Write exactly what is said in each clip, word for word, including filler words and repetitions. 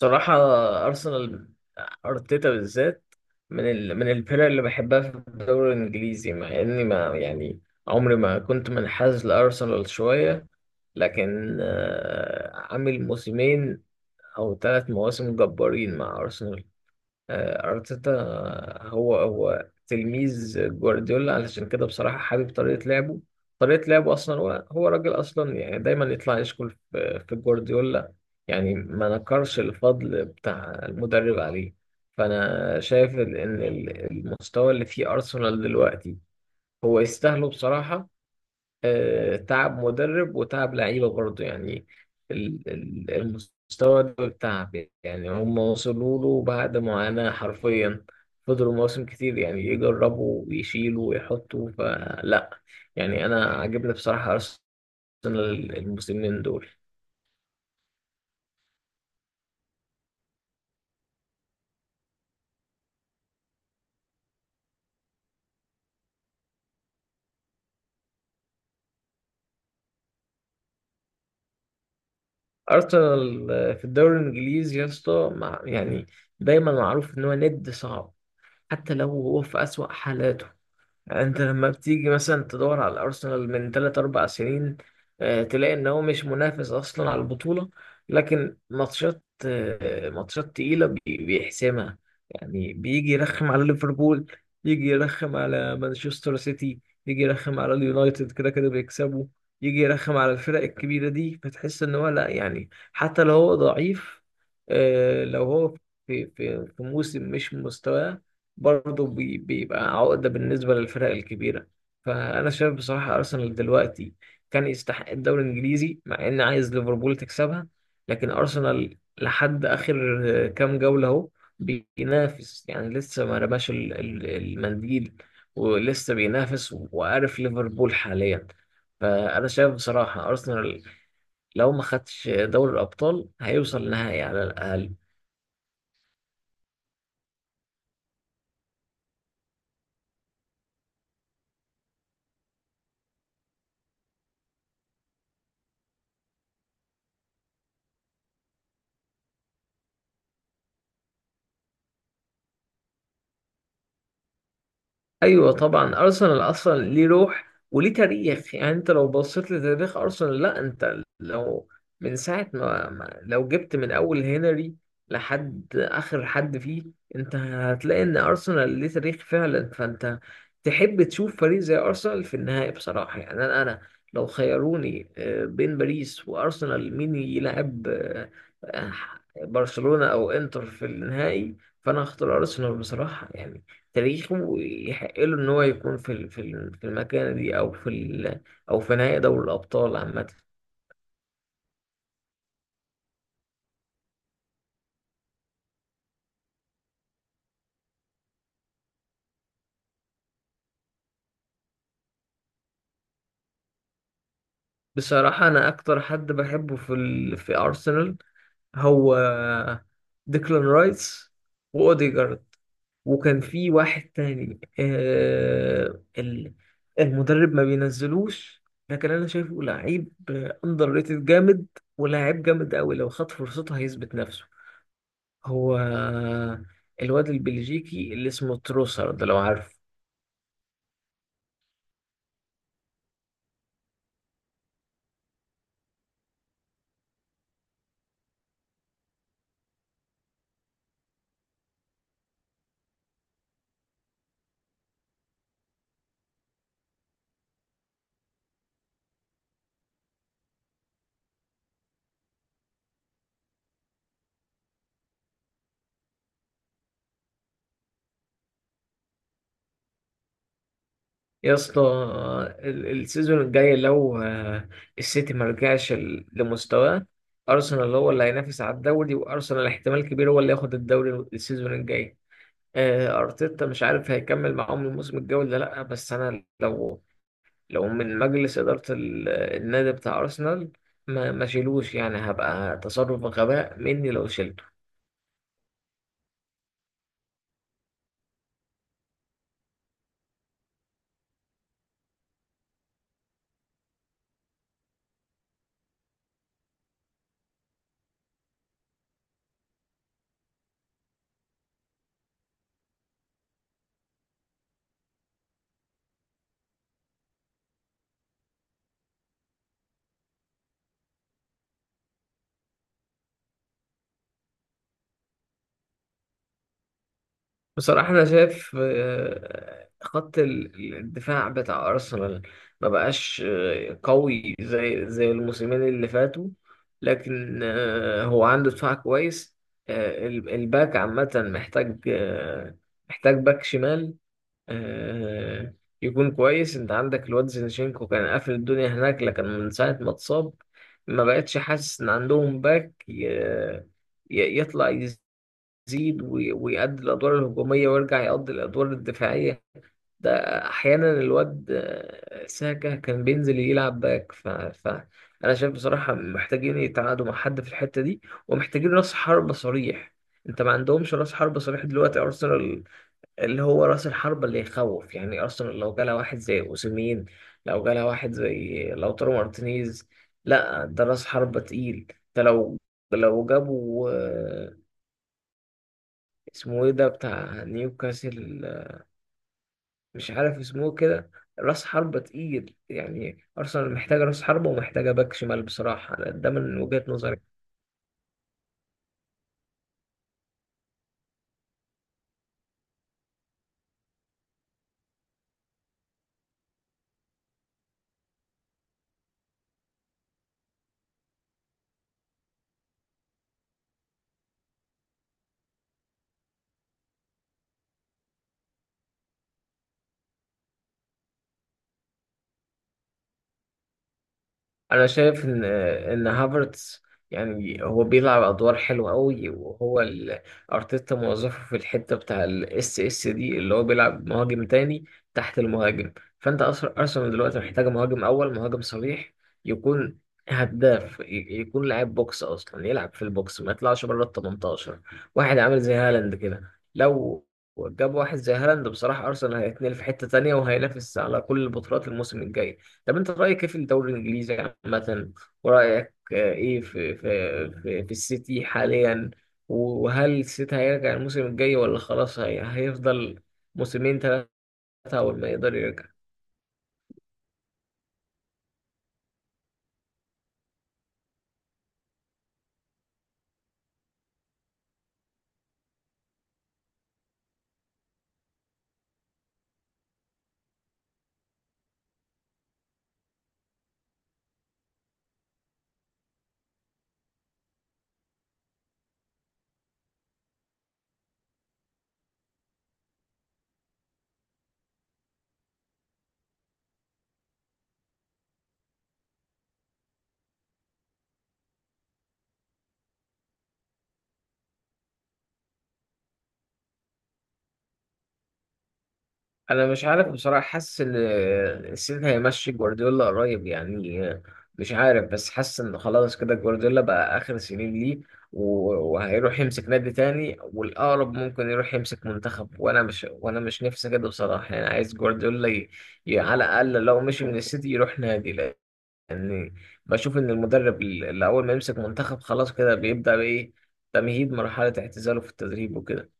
صراحة، أرسنال، أرتيتا بالذات، من ال... من الفرق اللي بحبها في الدوري الإنجليزي، مع إني ما يعني عمري ما كنت منحاز لأرسنال شوية. لكن آه، عامل موسمين أو ثلاث مواسم جبارين مع أرسنال. آه، أرتيتا آه، هو هو تلميذ جوارديولا، علشان كده بصراحة حابب طريقة لعبه. طريقة لعبه أصلا، هو هو راجل أصلا، يعني دايما يطلع يشكر في في جوارديولا. يعني ما نكرش الفضل بتاع المدرب عليه. فأنا شايف إن ال- المستوى اللي فيه أرسنال دلوقتي هو يستاهله بصراحة. آه، تعب مدرب وتعب لعيبة برضه، يعني ال- ال- المستوى ده تعب، يعني هم وصلوا له بعد معاناة حرفيا. فضلوا مواسم كتير يعني يجربوا ويشيلوا ويحطوا، فلا، يعني أنا عاجبني بصراحة أرسنال الموسمين دول. أرسنال آه، في الدوري الإنجليزي يا اسطى، مع- يعني دايما معروف إن هو ند صعب، حتى لو هو في أسوأ حالاته. انت لما بتيجي مثلا تدور على ارسنال من تلات أربع سنين، آه، تلاقي ان هو مش منافس اصلا على البطوله، لكن ماتشات، آه، ماتشات تقيله بي- بيحسمها. يعني بيجي يرخم على ليفربول، يجي يرخم على مانشستر سيتي، يجي يرخم على اليونايتد، كده كده بيكسبوا. يجي يرخم على الفرق الكبيره دي، فتحس ان هو لا، يعني حتى لو هو ضعيف، آه، لو هو في في في موسم مش مستواه، برضه بي- بيبقى عقدة بالنسبة للفرق الكبيرة. فأنا شايف بصراحة أرسنال دلوقتي كان يستحق الدوري الإنجليزي، مع إني عايز ليفربول تكسبها. لكن أرسنال لحد آخر آه، كام جولة أهو بينافس، يعني لسه ما رماش ال- ال- المنديل، ولسه بينافس وعارف ليفربول حاليا. فأنا شايف بصراحة أرسنال، لو ما خدش دوري الأبطال، هيوصل نهائي على الأقل. ايوه طبعا، ارسنال اصلا ليه روح وليه تاريخ. يعني انت لو بصيت لتاريخ ارسنال، لا انت لو من ساعه ما, ما لو جبت من اول هنري لحد اخر حد فيه، انت هتلاقي ان ارسنال ليه تاريخ فعلا. فانت تحب تشوف فريق زي ارسنال في النهائي بصراحه، يعني انا انا لو خيروني آه، بين باريس وارسنال مين يلعب، آه، آه، برشلونه او انتر في النهائي، فانا هختار ارسنال بصراحه. يعني تاريخه يحق له إن هو يكون في ال- في ال- في المكانة دي، أو في ال، أو في نهائي دوري الأبطال عامة. بصراحة أنا أكتر حد بحبه في ال في أرسنال هو ديكلان رايس وأوديجارد. وكان في واحد تاني آه ال- المدرب ما بينزلوش، لكن أنا شايفه لعيب أندر ريتد جامد، ولاعيب جامد أوي لو خد فرصته هيثبت نفسه. هو الواد البلجيكي اللي اسمه تروسر ده، لو عارف. يا اسطى، ال- السيزون الجاي، لو آه، السيتي ما رجعش ال- لمستواه، ارسنال هو اللي هينافس على الدوري، وارسنال احتمال كبير هو اللي ياخد الدوري السيزون الجاي. آه، ارتيتا مش عارف هيكمل معاهم الموسم الجاي ولا لا، بس انا لو، لو من مجلس اداره ال- النادي بتاع ارسنال، ما ما شيلوش، يعني هبقى تصرف غباء مني لو شلت. بصراحة أنا شايف آه، خط ال- ال- الدفاع بتاع أرسنال ما بقاش آه، قوي زي زي الموسمين اللي فاتوا، لكن آه، هو عنده دفاع كويس. آه، ال- الباك عامة محتاج، آه، محتاج باك شمال آه، يكون كويس. أنت عندك الواد زينشينكو كان قافل الدنيا هناك، لكن من ساعة ما اتصاب ما بقتش حاسس إن عندهم باك ي- ي- يطلع يزيد وي- ويأدي الأدوار الهجومية ويرجع يقضي الأدوار الدفاعية. ده أحيانا الواد آه، ساكا كان بينزل يلعب باك ف... ف... أنا شايف بصراحة محتاجين يتعاقدوا مع حد في الحتة دي. ومحتاجين رأس حربة صريح، أنت ما عندهمش رأس حربة صريح دلوقتي أرسنال، اللي هو رأس الحربة اللي يخوف. يعني أرسنال لو جالها واحد زي أوسيمين، لو جالها واحد زي لوتارو مارتينيز، لا ده رأس حربة تقيل. ده لو، لو جابوا آه، اسمه ايه ده بتاع نيوكاسل، مش عارف اسمه كده، راس حربة تقيل. يعني أرسنال محتاجة راس حربة ومحتاجة باك شمال بصراحة، ده من وجهة نظري. انا شايف ان ان هافرتس، يعني هو بيلعب ادوار حلوه قوي، وهو ال- ارتيتا موظفه في الحته بتاع الاس اس دي، اللي هو بيلعب مهاجم تاني تحت المهاجم. فانت اصلا ارسنال دلوقتي محتاجه مهاجم اول، مهاجم صريح، يكون هداف، ي- يكون لاعب بوكس، اصلا يلعب في البوكس ما يطلعش بره ال تمنتاشر. واحد عامل زي هالاند كده، لو جاب واحد زي هالاند بصراحه ارسنال هيتنقل في حته تانيه وهينافس على كل البطولات الموسم الجاي. طب انت رايك ايه في الدوري الانجليزي عامه، ورايك آه، ايه في في في, في السيتي حاليا؟ وهل السيتي هيرجع الموسم الجاي ولا خلاص هي هيفضل موسمين ثلاثه اول ما يقدر يرجع؟ انا مش عارف بصراحه، حاسس ان السيتي هيمشي جوارديولا قريب يعني. مش عارف، بس حاسس ان خلاص كده جوارديولا بقى اخر سنين ليه، و- وهيروح يمسك نادي تاني، والاقرب ممكن يروح يمسك منتخب. وانا مش وانا مش نفسي كده بصراحه، يعني عايز جوارديولا ي... ي... على الاقل لو مشي من السيتي يروح نادي. لان بشوف ان المدرب اللي اول ما يمسك منتخب، خلاص كده بيبدا بايه، تمهيد مرحله اعتزاله في التدريب وكده.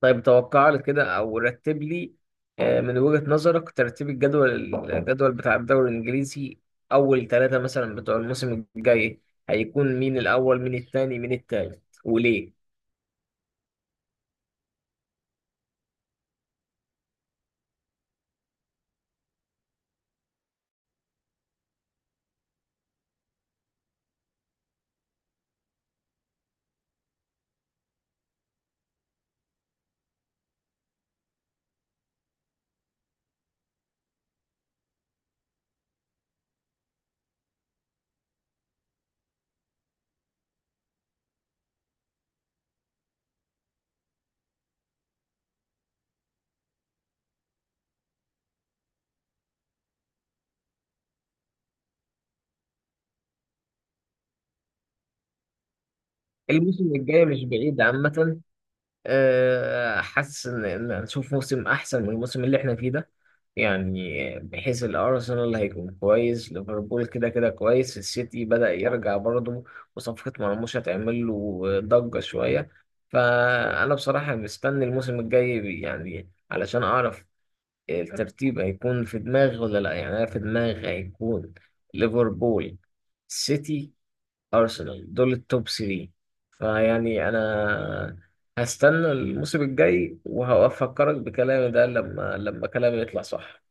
طيب توقع لي كده او رتب لي آه، من وجهة نظرك ترتيب الجدول، الجدول بتاع الدوري الانجليزي، اول ثلاثة مثلا بتوع الموسم الجاي، هيكون مين الاول، مين الثاني، مين الثالث، وليه؟ الموسم الجاي مش بعيد عامة، آه، حاسس ان إن هنشوف موسم احسن من الموسم اللي احنا فيه ده. يعني بحيث الارسنال هيكون كويس، ليفربول كده كده كويس، السيتي بدأ يرجع برضه، وصفقة مرموش هتعمل له ضجة شوية. فانا بصراحة مستني الموسم الجاي بي- يعني علشان اعرف الترتيب هيكون في دماغي ولا لا. يعني انا في دماغي هيكون ليفربول، سيتي، أرسنال، دول التوب تلاتة. فيعني أنا هستنى الموسم الجاي وهفكرك بكلامي ده لما لما كلامي يطلع صح.